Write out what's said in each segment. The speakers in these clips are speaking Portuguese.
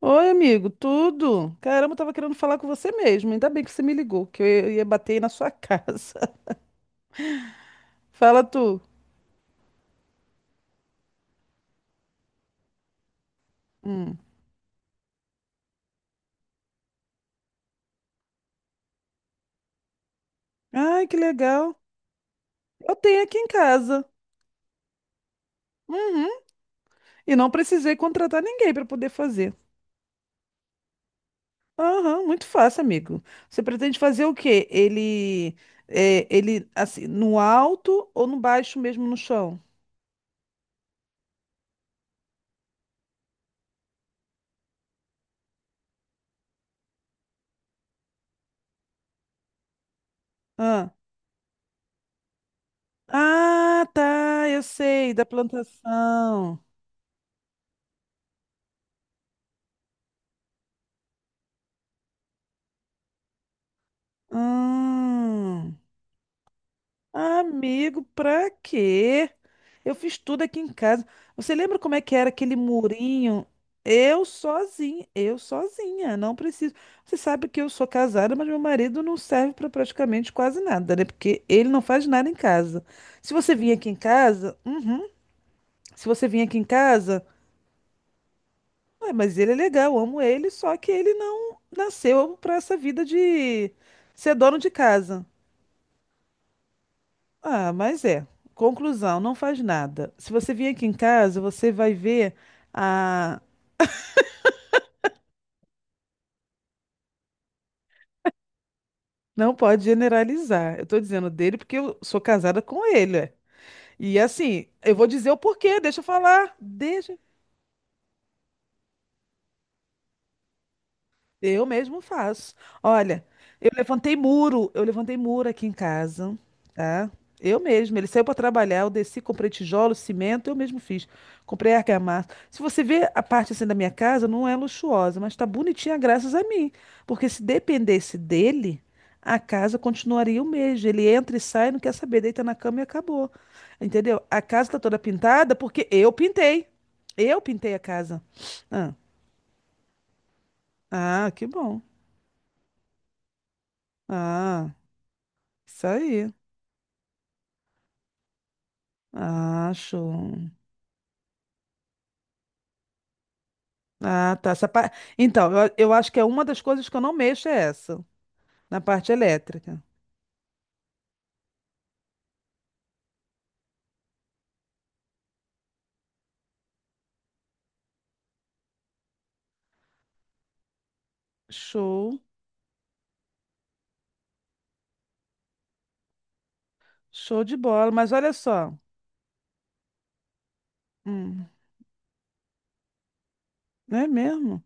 Oi, amigo, tudo? Caramba, eu tava querendo falar com você mesmo. Ainda bem que você me ligou, que eu ia bater aí na sua casa. Fala tu. Hum. Ai, que legal. Eu tenho aqui em casa. Uhum. E não precisei contratar ninguém para poder fazer. Aham, muito fácil, amigo. Você pretende fazer o quê? Ele, assim, no alto ou no baixo mesmo no chão? Ah, ah, tá, eu sei, da plantação. Hum. Amigo, pra quê? Eu fiz tudo aqui em casa. Você lembra como é que era aquele murinho? Eu sozinha, não preciso. Você sabe que eu sou casada, mas meu marido não serve para praticamente quase nada, né? Porque ele não faz nada em casa. Se você vir aqui em casa, uhum, se você vir aqui em casa, ué, mas ele é legal, eu amo ele, só que ele não nasceu para essa vida de ser dono de casa. Ah, mas é. Conclusão, não faz nada. Se você vir aqui em casa, você vai ver a. Não pode generalizar. Eu tô dizendo dele porque eu sou casada com ele. É. E assim, eu vou dizer o porquê, deixa eu falar. Deixa Eu mesmo faço. Olha, eu levantei muro aqui em casa, tá? Eu mesmo. Ele saiu para trabalhar, eu desci, comprei tijolo, cimento, eu mesmo fiz. Comprei argamassa. Se você vê a parte assim da minha casa, não é luxuosa, mas tá bonitinha graças a mim. Porque se dependesse dele, a casa continuaria o mesmo. Ele entra e sai, não quer saber, deita na cama e acabou. Entendeu? A casa tá toda pintada porque eu pintei. Eu pintei a casa. Ah, ah, que bom. Ah. Isso aí. Acho. Ah, tá. Então, eu acho que é uma das coisas que eu não mexo é essa, na parte elétrica. Show, show de bola. Mas olha só. Hum, não é mesmo?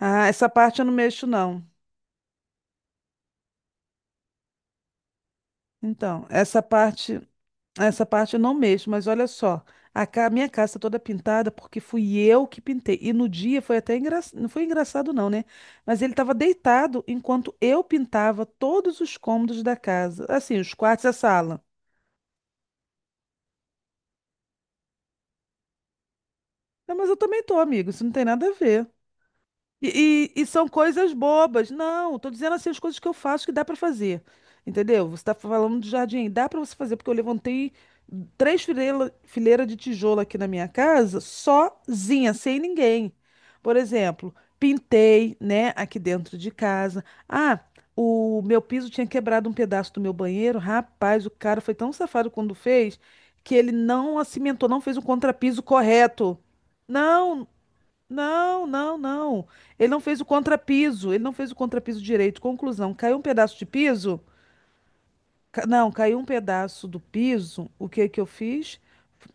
Ah, essa parte eu não mexo, não. Então, essa parte eu não mexo, mas olha só. Minha casa tá toda pintada porque fui eu que pintei. E no dia foi até engraçado. Não foi engraçado, não, né? Mas ele estava deitado enquanto eu pintava todos os cômodos da casa. Assim, os quartos e a sala. Não, mas eu também tô, amigo. Isso não tem nada a ver. E são coisas bobas. Não, tô dizendo assim as coisas que eu faço que dá pra fazer. Entendeu? Você tá falando de jardim, dá pra você fazer, porque eu levantei três fileira de tijolo aqui na minha casa, sozinha, sem ninguém. Por exemplo, pintei, né, aqui dentro de casa. Ah, o meu piso tinha quebrado um pedaço do meu banheiro. Rapaz, o cara foi tão safado quando fez que ele não acimentou, não fez o contrapiso correto. Não, não, não, não. Ele não fez o contrapiso. Ele não fez o contrapiso direito. Conclusão, caiu um pedaço de piso? Não, caiu um pedaço do piso. O que que eu fiz?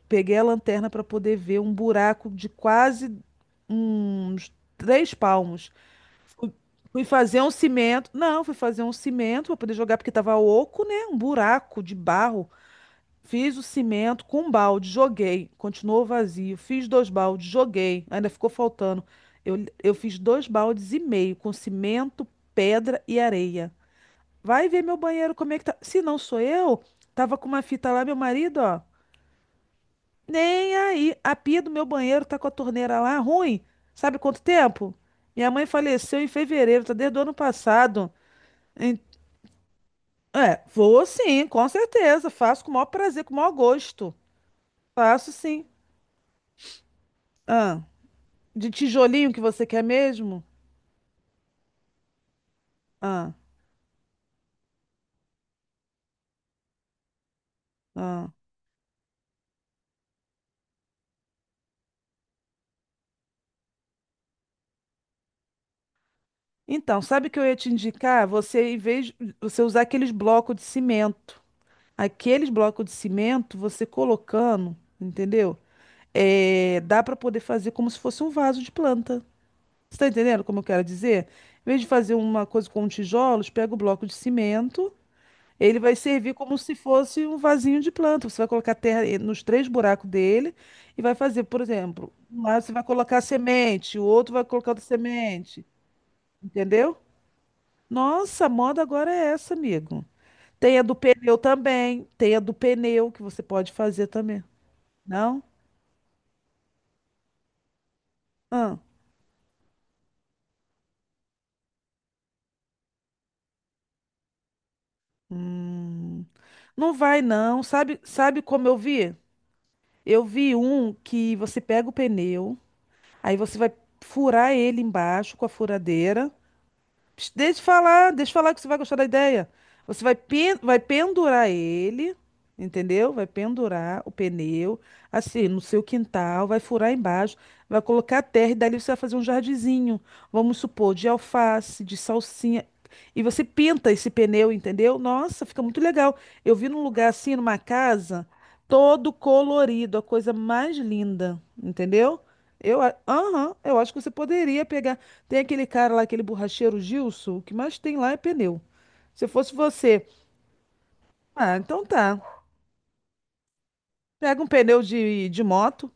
Peguei a lanterna para poder ver um buraco de quase uns três palmos. Fui, fui fazer um cimento. Não, fui fazer um cimento para poder jogar porque estava oco, né? Um buraco de barro. Fiz o cimento com um balde, joguei. Continuou vazio. Fiz dois baldes, joguei. Ainda ficou faltando. Eu, eu fiz dois baldes e meio com cimento, pedra e areia. Vai ver meu banheiro como é que tá. Se não sou eu, tava com uma fita lá, meu marido, ó. Nem aí. A pia do meu banheiro tá com a torneira lá, ruim. Sabe quanto tempo? Minha mãe faleceu em fevereiro, tá desde o ano passado. Em- É, vou sim, com certeza. Faço com o maior prazer, com o maior gosto. Faço sim. Ah. De tijolinho que você quer mesmo? Ah, ah. Então, sabe o que eu ia te indicar? Você, em vez de você usar aqueles blocos de cimento, aqueles blocos de cimento, você colocando, entendeu? É, dá para poder fazer como se fosse um vaso de planta. Você está entendendo como eu quero dizer? Em vez de fazer uma coisa com tijolos, pega o bloco de cimento. Ele vai servir como se fosse um vasinho de planta. Você vai colocar terra e- nos três buracos dele e vai fazer, por exemplo, um lado você vai colocar semente, o outro vai colocar outra semente, entendeu? Nossa, a moda agora é essa, amigo. Tem a do pneu também, tem a do pneu que você pode fazer também. Não? Ah, não vai não. Sabe, sabe como eu vi? Eu vi um que você pega o pneu, aí você vai furar ele embaixo com a furadeira. Deixa eu falar que você vai gostar da ideia. Você vai pendurar ele, entendeu? Vai pendurar o pneu, assim, no seu quintal, vai furar embaixo, vai colocar terra e dali você vai fazer um jardinzinho. Vamos supor, de alface, de salsinha. E você pinta esse pneu, entendeu? Nossa, fica muito legal. Eu vi num lugar assim, numa casa, todo colorido, a coisa mais linda, entendeu? Aham, eu acho que você poderia pegar. Tem aquele cara lá, aquele borracheiro Gilson, o que mais tem lá é pneu. Se fosse você, ah, então tá. Pega um pneu de, moto.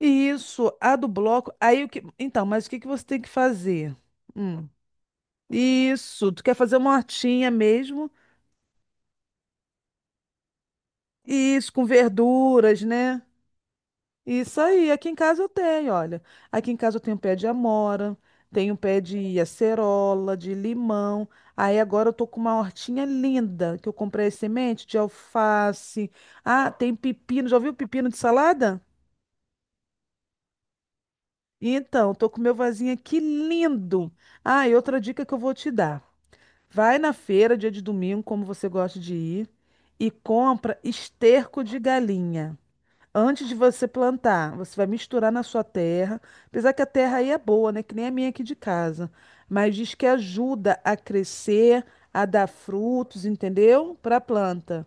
E isso, a do bloco. Aí o que. Então, mas o que que você tem que fazer? Hum. Isso, tu quer fazer uma hortinha mesmo? Isso, com verduras, né? Isso aí, aqui em casa eu tenho, olha. Aqui em casa eu tenho pé de amora, tenho pé de acerola, de limão. Aí agora eu tô com uma hortinha linda que eu comprei as sementes de alface. Ah, tem pepino. Já ouviu pepino de salada? Então, eu tô com meu vasinho aqui lindo. Ah, e outra dica que eu vou te dar. Vai na feira, dia de domingo, como você gosta de ir, e compra esterco de galinha. Antes de você plantar, você vai misturar na sua terra. Apesar que a terra aí é boa, né? Que nem a minha aqui de casa. Mas diz que ajuda a crescer, a dar frutos, entendeu? Para a planta.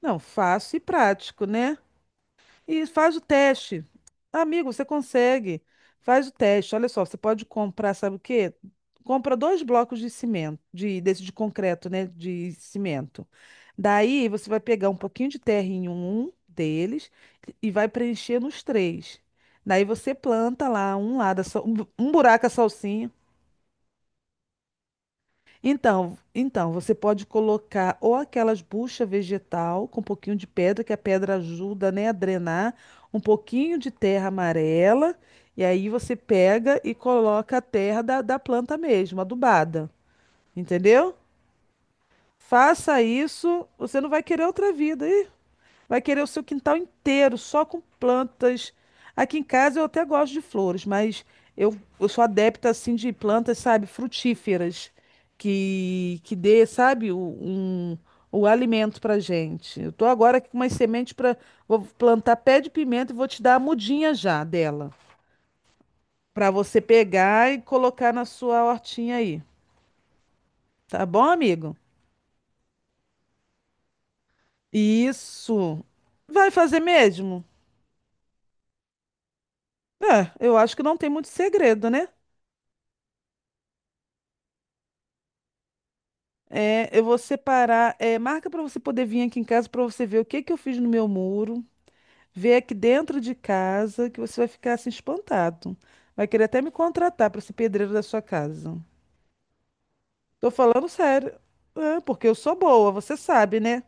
Não, fácil e prático, né? E faz o teste. Amigo, você consegue. Faz o teste. Olha só, você pode comprar, sabe o quê? Compra dois blocos de cimento, de, desse de concreto, né? De cimento. Daí você vai pegar um pouquinho de terra em um deles e vai preencher nos três. Daí você planta lá um lado, um buraco a salsinha. Então, então, você pode colocar ou aquelas bucha vegetal com um pouquinho de pedra, que a pedra ajuda, né, a drenar, um pouquinho de terra amarela, e aí você pega e coloca a terra da planta mesmo, adubada. Entendeu? Faça isso, você não vai querer outra vida. Vai querer o seu quintal inteiro, só com plantas. Aqui em casa eu até gosto de flores, mas eu sou adepta assim de plantas, sabe, frutíferas, que dê, sabe, o, um, o alimento pra gente. Eu tô agora aqui com umas sementes para vou plantar pé de pimenta e vou te dar a mudinha já dela, pra você pegar e colocar na sua hortinha aí. Tá bom, amigo? Isso. Vai fazer mesmo? É, eu acho que não tem muito segredo, né? É, eu vou separar, é, marca para você poder vir aqui em casa para você ver o que que eu fiz no meu muro, ver aqui dentro de casa, que você vai ficar assim espantado. Vai querer até me contratar para ser pedreiro da sua casa. Tô falando sério, é, porque eu sou boa, você sabe, né?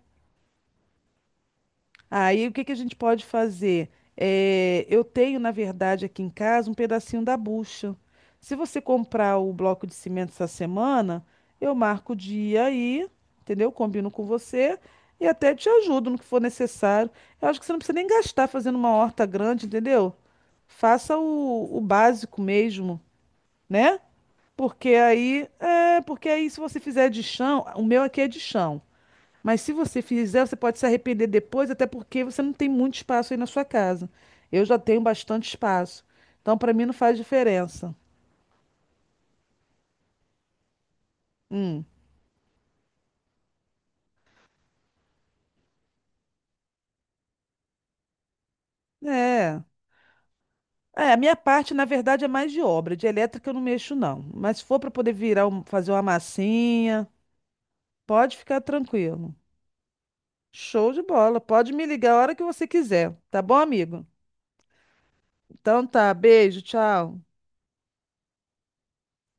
Aí o que que a gente pode fazer? É, eu tenho, na verdade, aqui em casa um pedacinho da bucha. Se você comprar o bloco de cimento essa semana, eu marco o dia aí, entendeu? Combino com você e até te ajudo no que for necessário. Eu acho que você não precisa nem gastar fazendo uma horta grande, entendeu? Faça o básico mesmo, né? Porque aí, é, porque aí se você fizer de chão, o meu aqui é de chão. Mas se você fizer, você pode se arrepender depois, até porque você não tem muito espaço aí na sua casa. Eu já tenho bastante espaço. Então, para mim, não faz diferença. Hum. É. É, a minha parte, na verdade, é mais de obra. De elétrica eu não mexo, não. Mas se for para poder virar, fazer uma massinha, pode ficar tranquilo. Show de bola. Pode me ligar a hora que você quiser. Tá bom, amigo? Então tá. Beijo, tchau.